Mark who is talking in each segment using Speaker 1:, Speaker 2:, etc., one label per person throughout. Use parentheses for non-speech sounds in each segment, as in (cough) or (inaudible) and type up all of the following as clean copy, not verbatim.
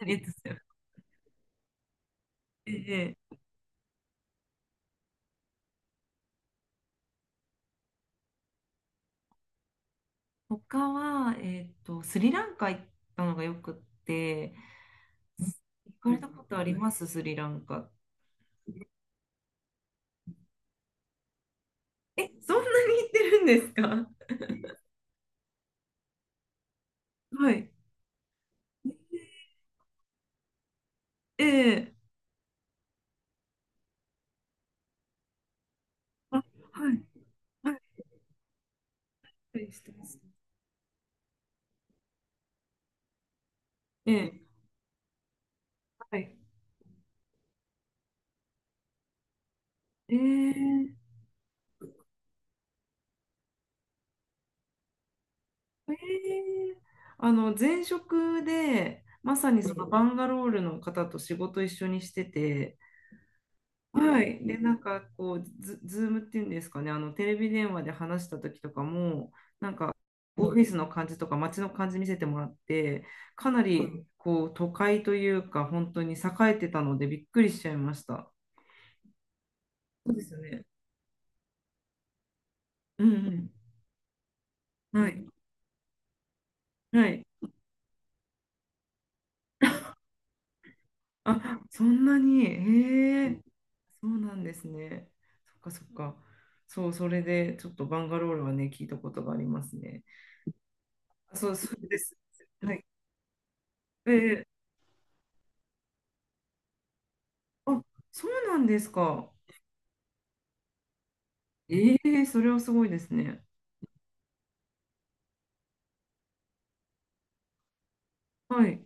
Speaker 1: ありがとうございます。(laughs) ええ他は、スリランカ行ったのがよくって、行かれたことありますスリランカ？え、そんなに行ってるんですか？はい。ええ、あ、はい。はい。はい、してます。ええ、はい。ええ、ええ。前職で、まさにそのバンガロールの方と仕事一緒にしてて、はい。で、なんかこう、ズームっていうんですかね、テレビ電話で話した時とかも、なんかオフィスの感じとか街の感じ見せてもらって、かなうりうんこう都会というか、本当に栄えてたのでびっくりしちゃいました。そうですよね。うん、うん。はい。はい。あ、そんなに。へえ。そうなんですね。そっかそっか。そう、それでちょっとバンガロールはね、聞いたことがありますね。そう、そうです。はい。えあ、そうなんですか。ええ、それはすごいですね。はい。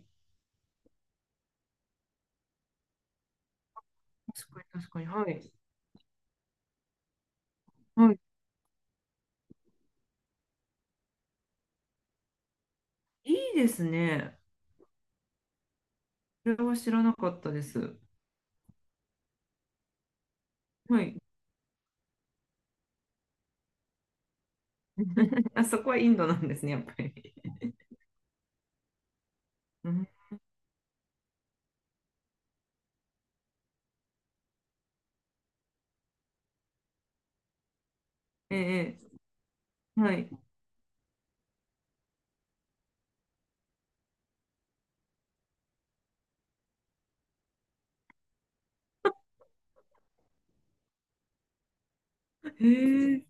Speaker 1: 確かに、確かに。はい。はい。いいですね。それは知らなかったです。はい。あ、そこはインドなんですね、やっぱり。うん、ええ、はい。ええ。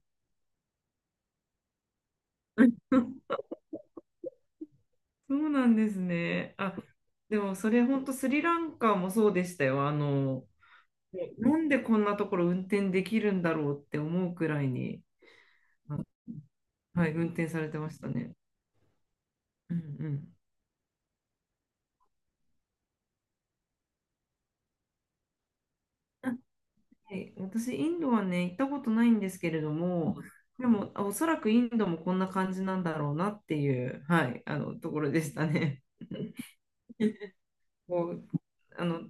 Speaker 1: (laughs) そうなんですね。あ、でもそれ本当スリランカもそうでしたよ。なんでこんなところ運転できるんだろうって思うくらいに、あ、はい、運転されてましたね。うん、うん。はい、私、インドはね、行ったことないんですけれども、でも、おそらくインドもこんな感じなんだろうなっていう、はい、ところでしたね。こう、あの、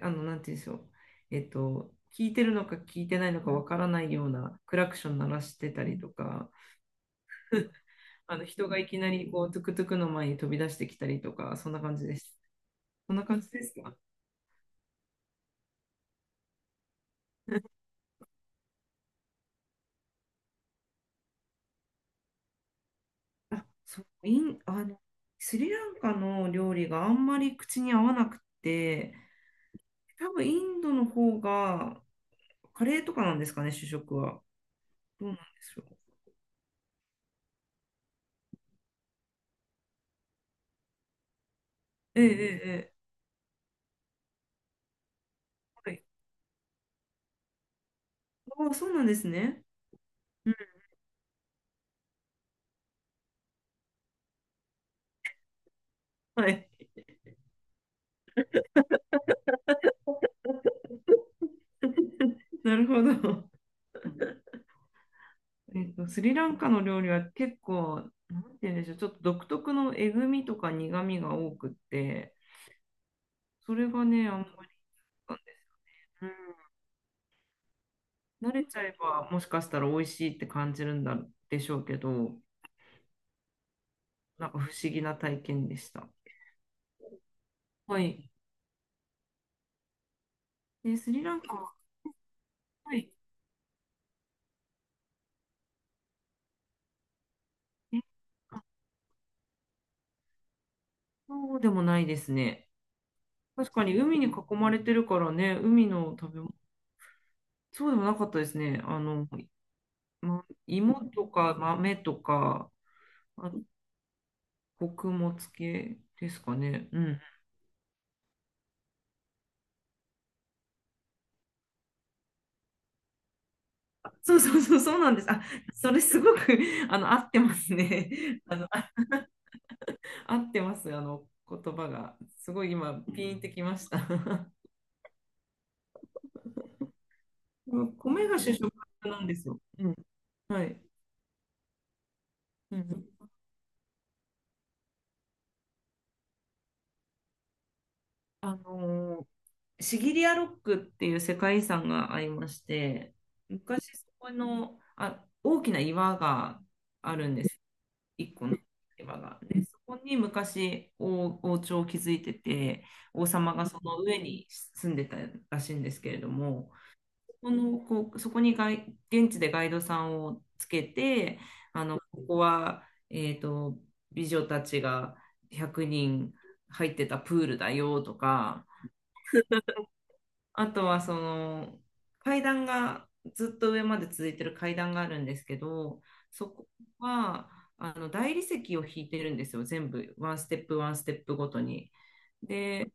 Speaker 1: なんて言うんでしょう。聞いてるのか聞いてないのかわからないようなクラクション鳴らしてたりとか、(laughs) 人がいきなり、こう、トゥクトゥクの前に飛び出してきたりとか、そんな感じです。そんな感じですか？あ、そう、イン、あの、スリランカの料理があんまり口に合わなくて、多分インドの方がカレーとかなんですかね、主食は。どうなんでしょう。ええ、えええ、ええ、はい。ああ、そうなんですね。はい。なるほど。スリランカの料理は結構、なんて言うんでしょう、ちょっと独特のえぐみとか苦みが多くって、それがね、あんまりなんですよ。うん、慣れちゃえば、もしかしたら美味しいって感じるんだでしょうけど、なんか不思議な体験でした。はい。で、スリランカは、はい。えあ、そうでもないですね。確かに海に囲まれてるからね、海の食べ物、そうでもなかったですね。ま、芋とか豆とか、あ、穀物系ですかね。うん。そうそうそう、そうなんです。あ、それすごく。 (laughs) 合ってますね。(laughs) あ、合ってます。言葉が。すごい今、ピンってきました。(laughs) 米が主食なんですよ。うん。はい。うん。あのーシギリアロックっていう世界遺産がありまして、昔そこの、あ、大きな岩があるんです。一個の岩が。で、そこに昔王朝を築いてて、王様がその上に住んでたらしいんですけれども、そこの、こう、そこに現地でガイドさんをつけて、ここは、えっと、美女たちが100人入ってたプールだよとか、あとはその階段がずっと上まで続いてる階段があるんですけど、そこは大理石を引いてるんですよ、全部ワンステップワンステップごとに。で、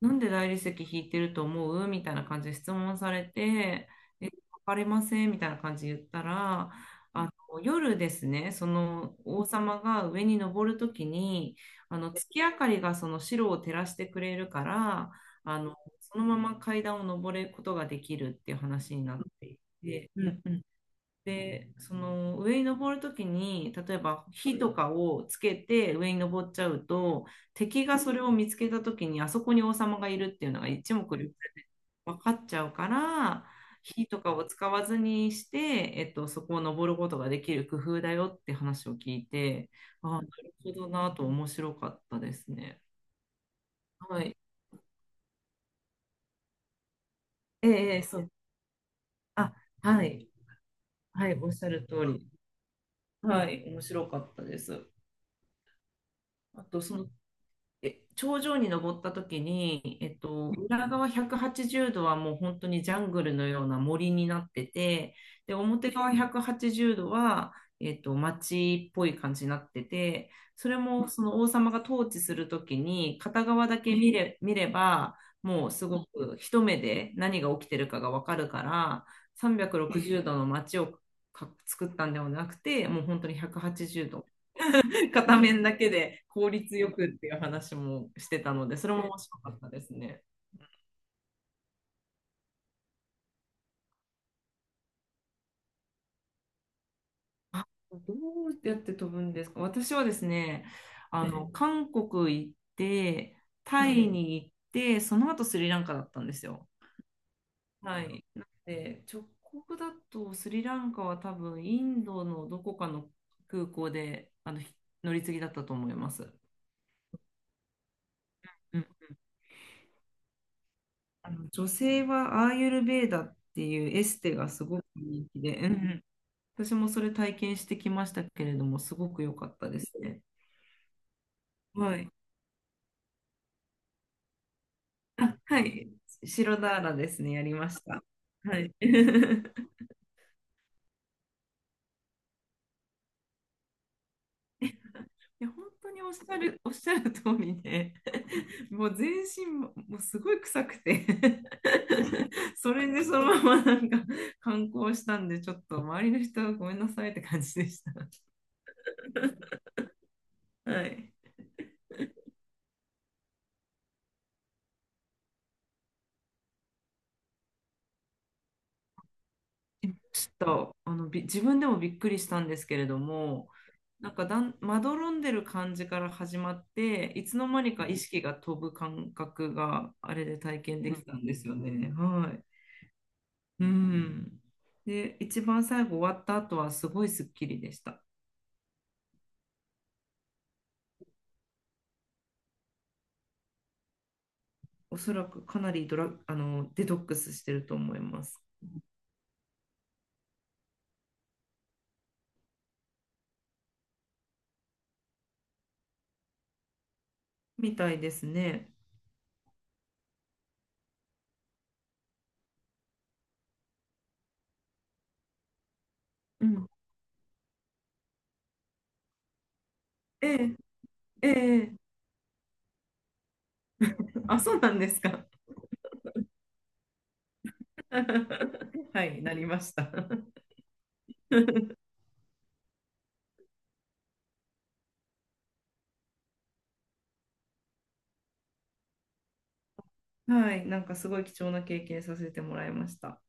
Speaker 1: なんで大理石引いてると思うみたいな感じで質問されて、え、わかりませんみたいな感じで言ったら、あの夜ですね、その王様が上に登るときに、あの月明かりがその城を照らしてくれるから、あのそのまま階段を登ることができるっていう話になっていて、うん、うん。で、その上に登るときに、例えば火とかをつけて上に登っちゃうと、敵がそれを見つけたときに、あそこに王様がいるっていうのが一目瞭然分かっちゃうから、火とかを使わずにして、そこを登ることができる工夫だよって話を聞いて、ああ、なるほどなと面白かったですね。はい。ええ、ええ、そう。あ、はい。はい、おっしゃる通り。はい、面白かったです。あと、その頂上に登った時に、裏側180度はちじゅうどはもう本当にジャングルのような森になってて、で、表側180度はちじゅうどは、町っぽい感じになってて、それもその王様が統治する時に、片側だけ見れば、もうすごく一目で何が起きてるかがわかるから、360度の町を作ったんではなくて、もう本当に180片面だけで効率よくっていう話もしてたので、それも面白かったですね。あ、どうやって飛ぶんですか？私はですね、韓国行って、タイに行って、その後スリランカだったんですよ。はい。なので、直行だとスリランカは多分インドのどこかの空港であのひ乗り継ぎだったと思います。うん、女性はアーユルヴェーダっていうエステがすごく人気で、うん、私もそれ体験してきましたけれども、すごく良かったですね。はい。あ、はい。白ダーラですね、やりました。はい。(laughs) いや、本当におっしゃる、(laughs) おっしゃる通りで、(laughs) もう全身も、もうすごい臭くて。 (laughs) それでそのままなんか観光したんで、ちょっと周りの人はごめんなさいって感じでした。はい。ちょっと、自分でもびっくりしたんですけれども、なんかまどろんでる感じから始まって、いつの間にか意識が飛ぶ感覚があれで体験できたんですよね。はい。うん。で、一番最後終わった後はすごいスッキリでした。おそらくかなりドラ、あの、デトックスしてると思います。みたいですね。うん。ええ、ええ、あ、そうなんですか。(laughs) はい、なりました。(laughs) はい、なんかすごい貴重な経験させてもらいました。